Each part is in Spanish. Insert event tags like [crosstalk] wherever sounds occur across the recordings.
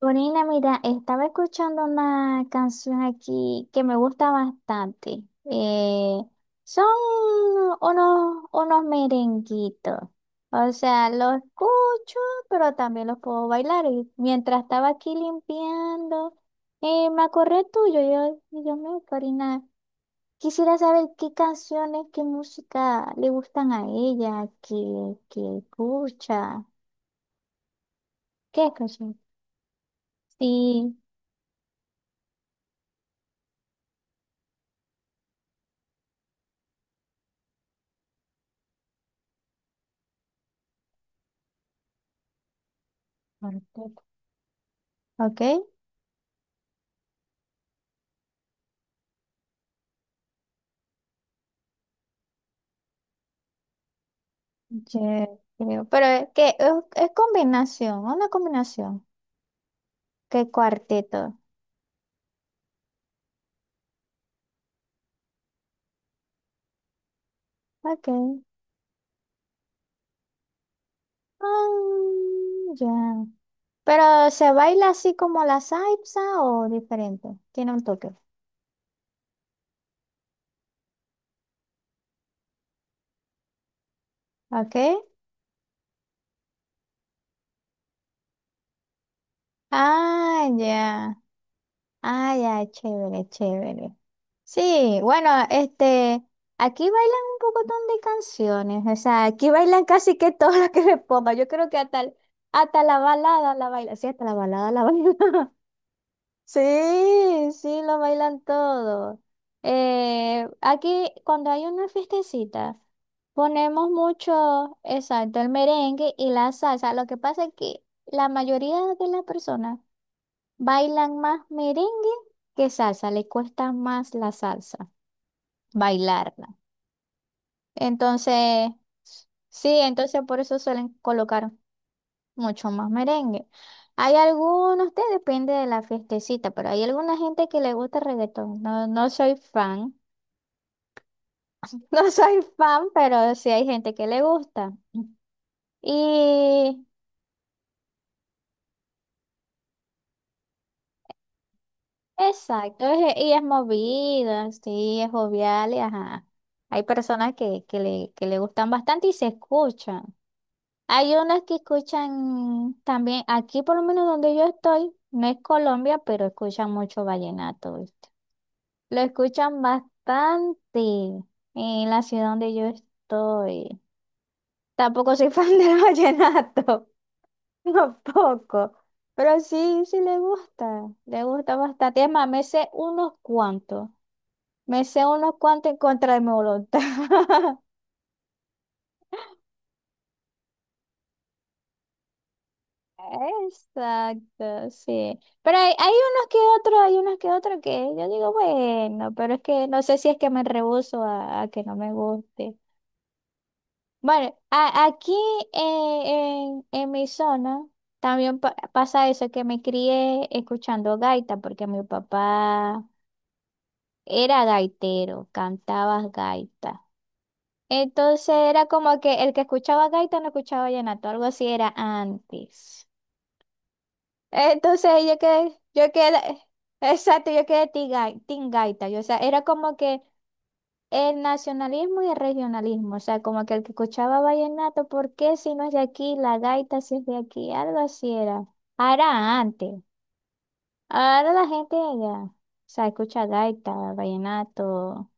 Corina, mira, estaba escuchando una canción aquí que me gusta bastante. Eh, Son unos merenguitos. O sea, los escucho, pero también los puedo bailar. Y mientras estaba aquí limpiando, me acordé tuyo. Yo, y yo me, Corina, quisiera saber qué canciones, qué música le gustan a ella, qué escucha, qué escucha. Sí, perfecto. ¿Ok? Yo creo, es combinación, una combinación. ¿Qué cuarteto? Ok. Ah, ya. Pero se baila así como la salsa o diferente. Tiene un toque. Ok. Ah, ya. Ah, ya, chévere, chévere. Sí, bueno, este, aquí bailan un pocotón de canciones. O sea, aquí bailan casi que todas las que le ponga. Yo creo que hasta, hasta la balada la baila. Sí, hasta la balada la baila. Sí, sí, lo bailan todo. Aquí, cuando hay una fiestecita, ponemos mucho, exacto, el merengue y la salsa. Lo que pasa es que la mayoría de las personas bailan más merengue que salsa, le cuesta más la salsa bailarla. Entonces, sí, entonces por eso suelen colocar mucho más merengue. Hay algunos, te depende de la fiestecita, pero hay alguna gente que le gusta el reggaetón. No, no soy fan, [laughs] no soy fan, pero sí hay gente que le gusta. Y exacto, y es movida, sí, es jovial, y ajá. Hay personas que le gustan bastante y se escuchan. Hay unas que escuchan también, aquí por lo menos donde yo estoy, no es Colombia, pero escuchan mucho vallenato, ¿viste? Lo escuchan bastante en la ciudad donde yo estoy. Tampoco soy fan [laughs] del vallenato, tampoco. Pero sí, sí le gusta bastante. Es más, me sé unos cuantos. Me sé unos cuantos en contra de mi voluntad. [laughs] Exacto, sí. Hay unos que otros, hay unos que otros que yo digo, bueno, pero es que no sé si es que me rehúso a que no me guste. Bueno, aquí en mi zona también pasa eso, que me crié escuchando gaita, porque mi papá era gaitero, cantaba gaita. Entonces era como que el que escuchaba gaita no escuchaba vallenato, algo así era antes. Entonces yo quedé, [laughs] exacto, yo quedé team gaita. Yo, o sea, era como que el nacionalismo y el regionalismo, o sea, como que el que escuchaba vallenato, ¿por qué si no es de aquí? La gaita si es de aquí, algo así era. Ah, era antes. Ahora la gente de allá, o sea, escucha gaita, vallenato,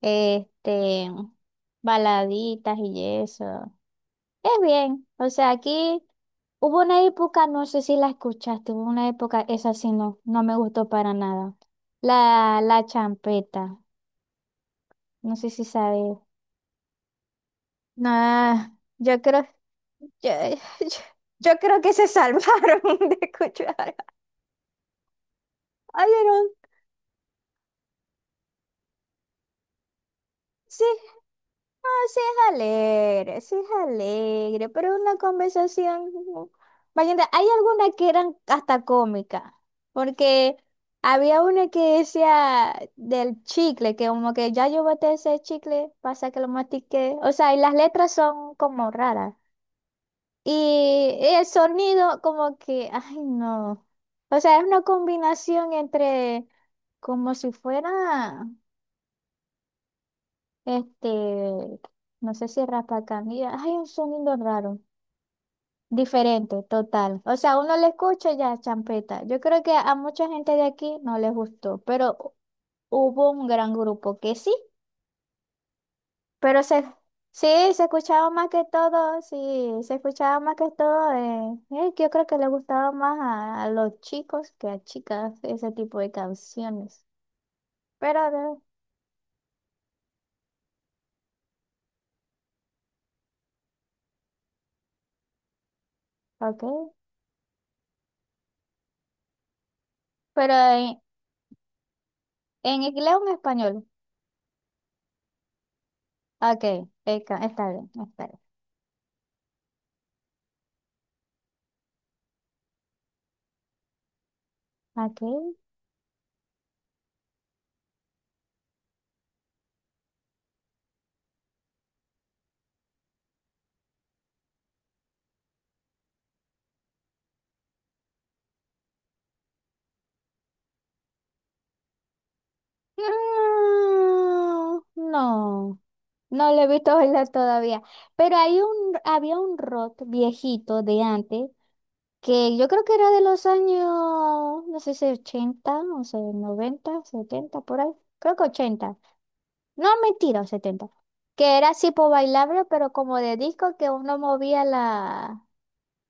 este, baladitas y eso. Es bien, o sea, aquí hubo una época, no sé si la escuchaste, hubo una época, esa sí no, no me gustó para nada. La champeta, no sé si sabes. No, yo creo. Yo, [laughs] yo- yo creo que se salvaron [laughs] de escuchar. Oyeron, sí, ah, sí es alegre, pero una conversación. Vaya, hay algunas que eran hasta cómicas, porque había una que decía del chicle, que como que ya yo boté ese chicle, pasa que lo mastiqué. O sea, y las letras son como raras. Y el sonido como que, ay no. O sea, es una combinación entre como si fuera, este, no sé si raspacanilla. Hay un sonido raro, diferente, total. O sea, uno le escucha y ya champeta. Yo creo que a mucha gente de aquí no les gustó, pero hubo un gran grupo que sí. Pero se, sí, se escuchaba más que todo, sí, se escuchaba más que todo. Yo creo que le gustaba más a los chicos que a chicas ese tipo de canciones. Pero, de- ok. Pero en inglés o en español. Ok, está bien, está bien. Ok. Mm, no, no lo he visto bailar todavía. Pero hay había un rock viejito de antes que yo creo que era de los años, no sé si 80 no sé, 90 70 por ahí. Creo que 80. No, mentira, 70. Que era tipo bailable, pero como de disco que uno movía la,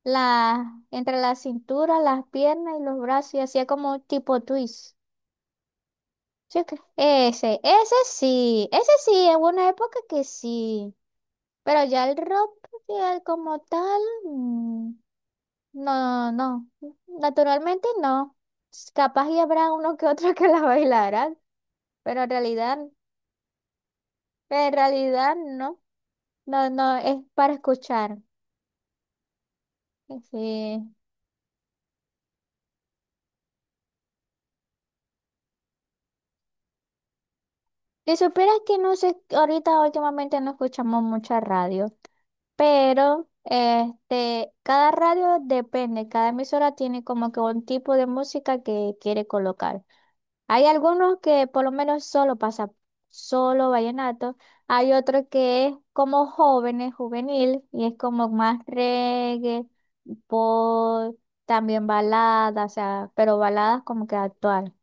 la, entre la cintura, las piernas y los brazos y hacía como tipo twist. Sí, ese sí, ese sí, en una época que sí. Pero ya el rock, ya como tal. mm, No, no, no. Naturalmente no. Capaz y habrá uno que otro [laughs] que la bailarán, pero en realidad no. No, no, es para escuchar. Sí. Si supieras que no sé, ahorita últimamente no escuchamos mucha radio, pero este, cada radio depende, cada emisora tiene como que un tipo de música que quiere colocar. Hay algunos que por lo menos solo pasa solo vallenato, hay otro que es como jóvenes, juvenil, y es como más reggae, pop, también baladas, o sea, pero baladas como que actual,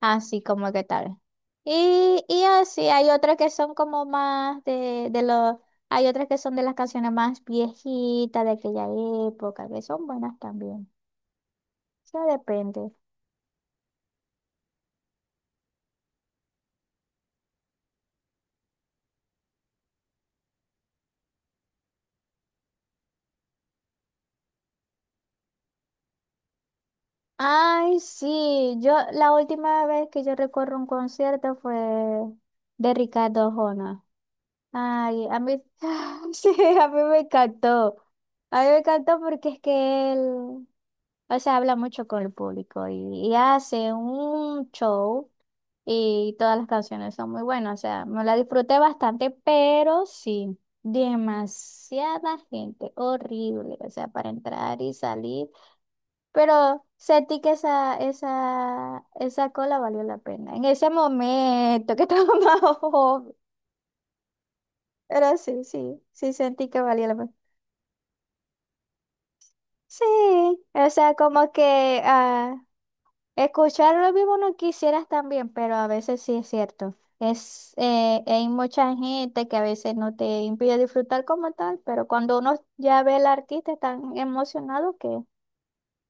así como que tal. Y así, hay otras que son como más de los, hay otras que son de las canciones más viejitas de aquella época, que son buenas también, o sea, depende. Ay, sí, yo la última vez que yo recuerdo un concierto fue de Ricardo Jona. Ay, a mí, [laughs] sí, a mí me encantó. A mí me encantó porque es que él, o sea, habla mucho con el público y hace un show y todas las canciones son muy buenas. O sea, me la disfruté bastante, pero sí, demasiada gente, horrible. O sea, para entrar y salir. Pero sentí que esa cola valió la pena. En ese momento que estaba [laughs] más joven. Pero sí sentí que valía la pena. Sí, o sea, como que ah, escuchar lo mismo no quisieras también, pero a veces sí es cierto. Es, hay mucha gente que a veces no te impide disfrutar como tal, pero cuando uno ya ve al artista tan emocionado que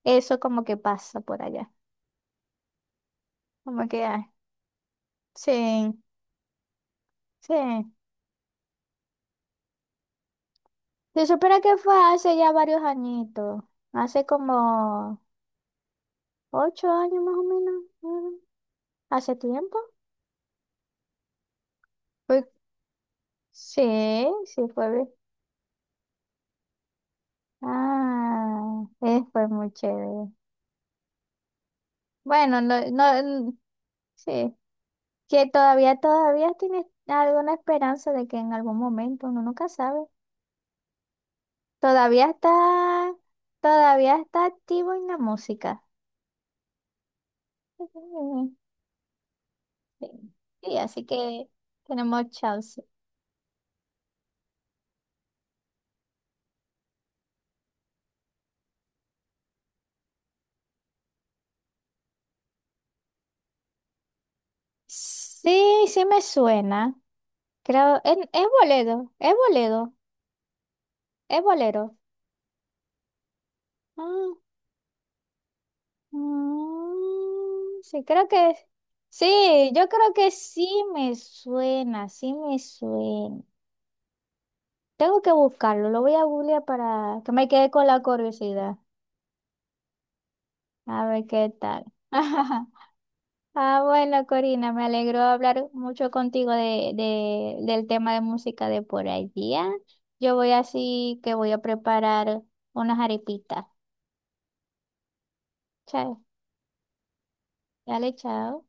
eso como que pasa por allá. Como que, ah, sí, sí. Se supiera que fue hace ya varios añitos, hace como 8 años más o menos, mm, hace tiempo. Fue- sí, sí fue bien. Ah, fue muy chévere. Bueno, no, no, mm, sí, que todavía, todavía tienes alguna esperanza de que en algún momento, uno nunca sabe. Todavía está, todavía está activo en la música. [laughs] Sí, sí, así que tenemos chance. Sí, sí me suena. Creo, es boledo, es boledo, es bolero. Ah, sí, creo que es- sí, yo creo que sí me suena, sí me suena. Tengo que buscarlo, lo voy a googlear para que me quede con la curiosidad. A ver qué tal. [laughs] Ah, bueno, Corina, me alegró hablar mucho contigo del tema de música de por allá. Yo voy así que voy a preparar unas arepitas. Chao. Dale, chao.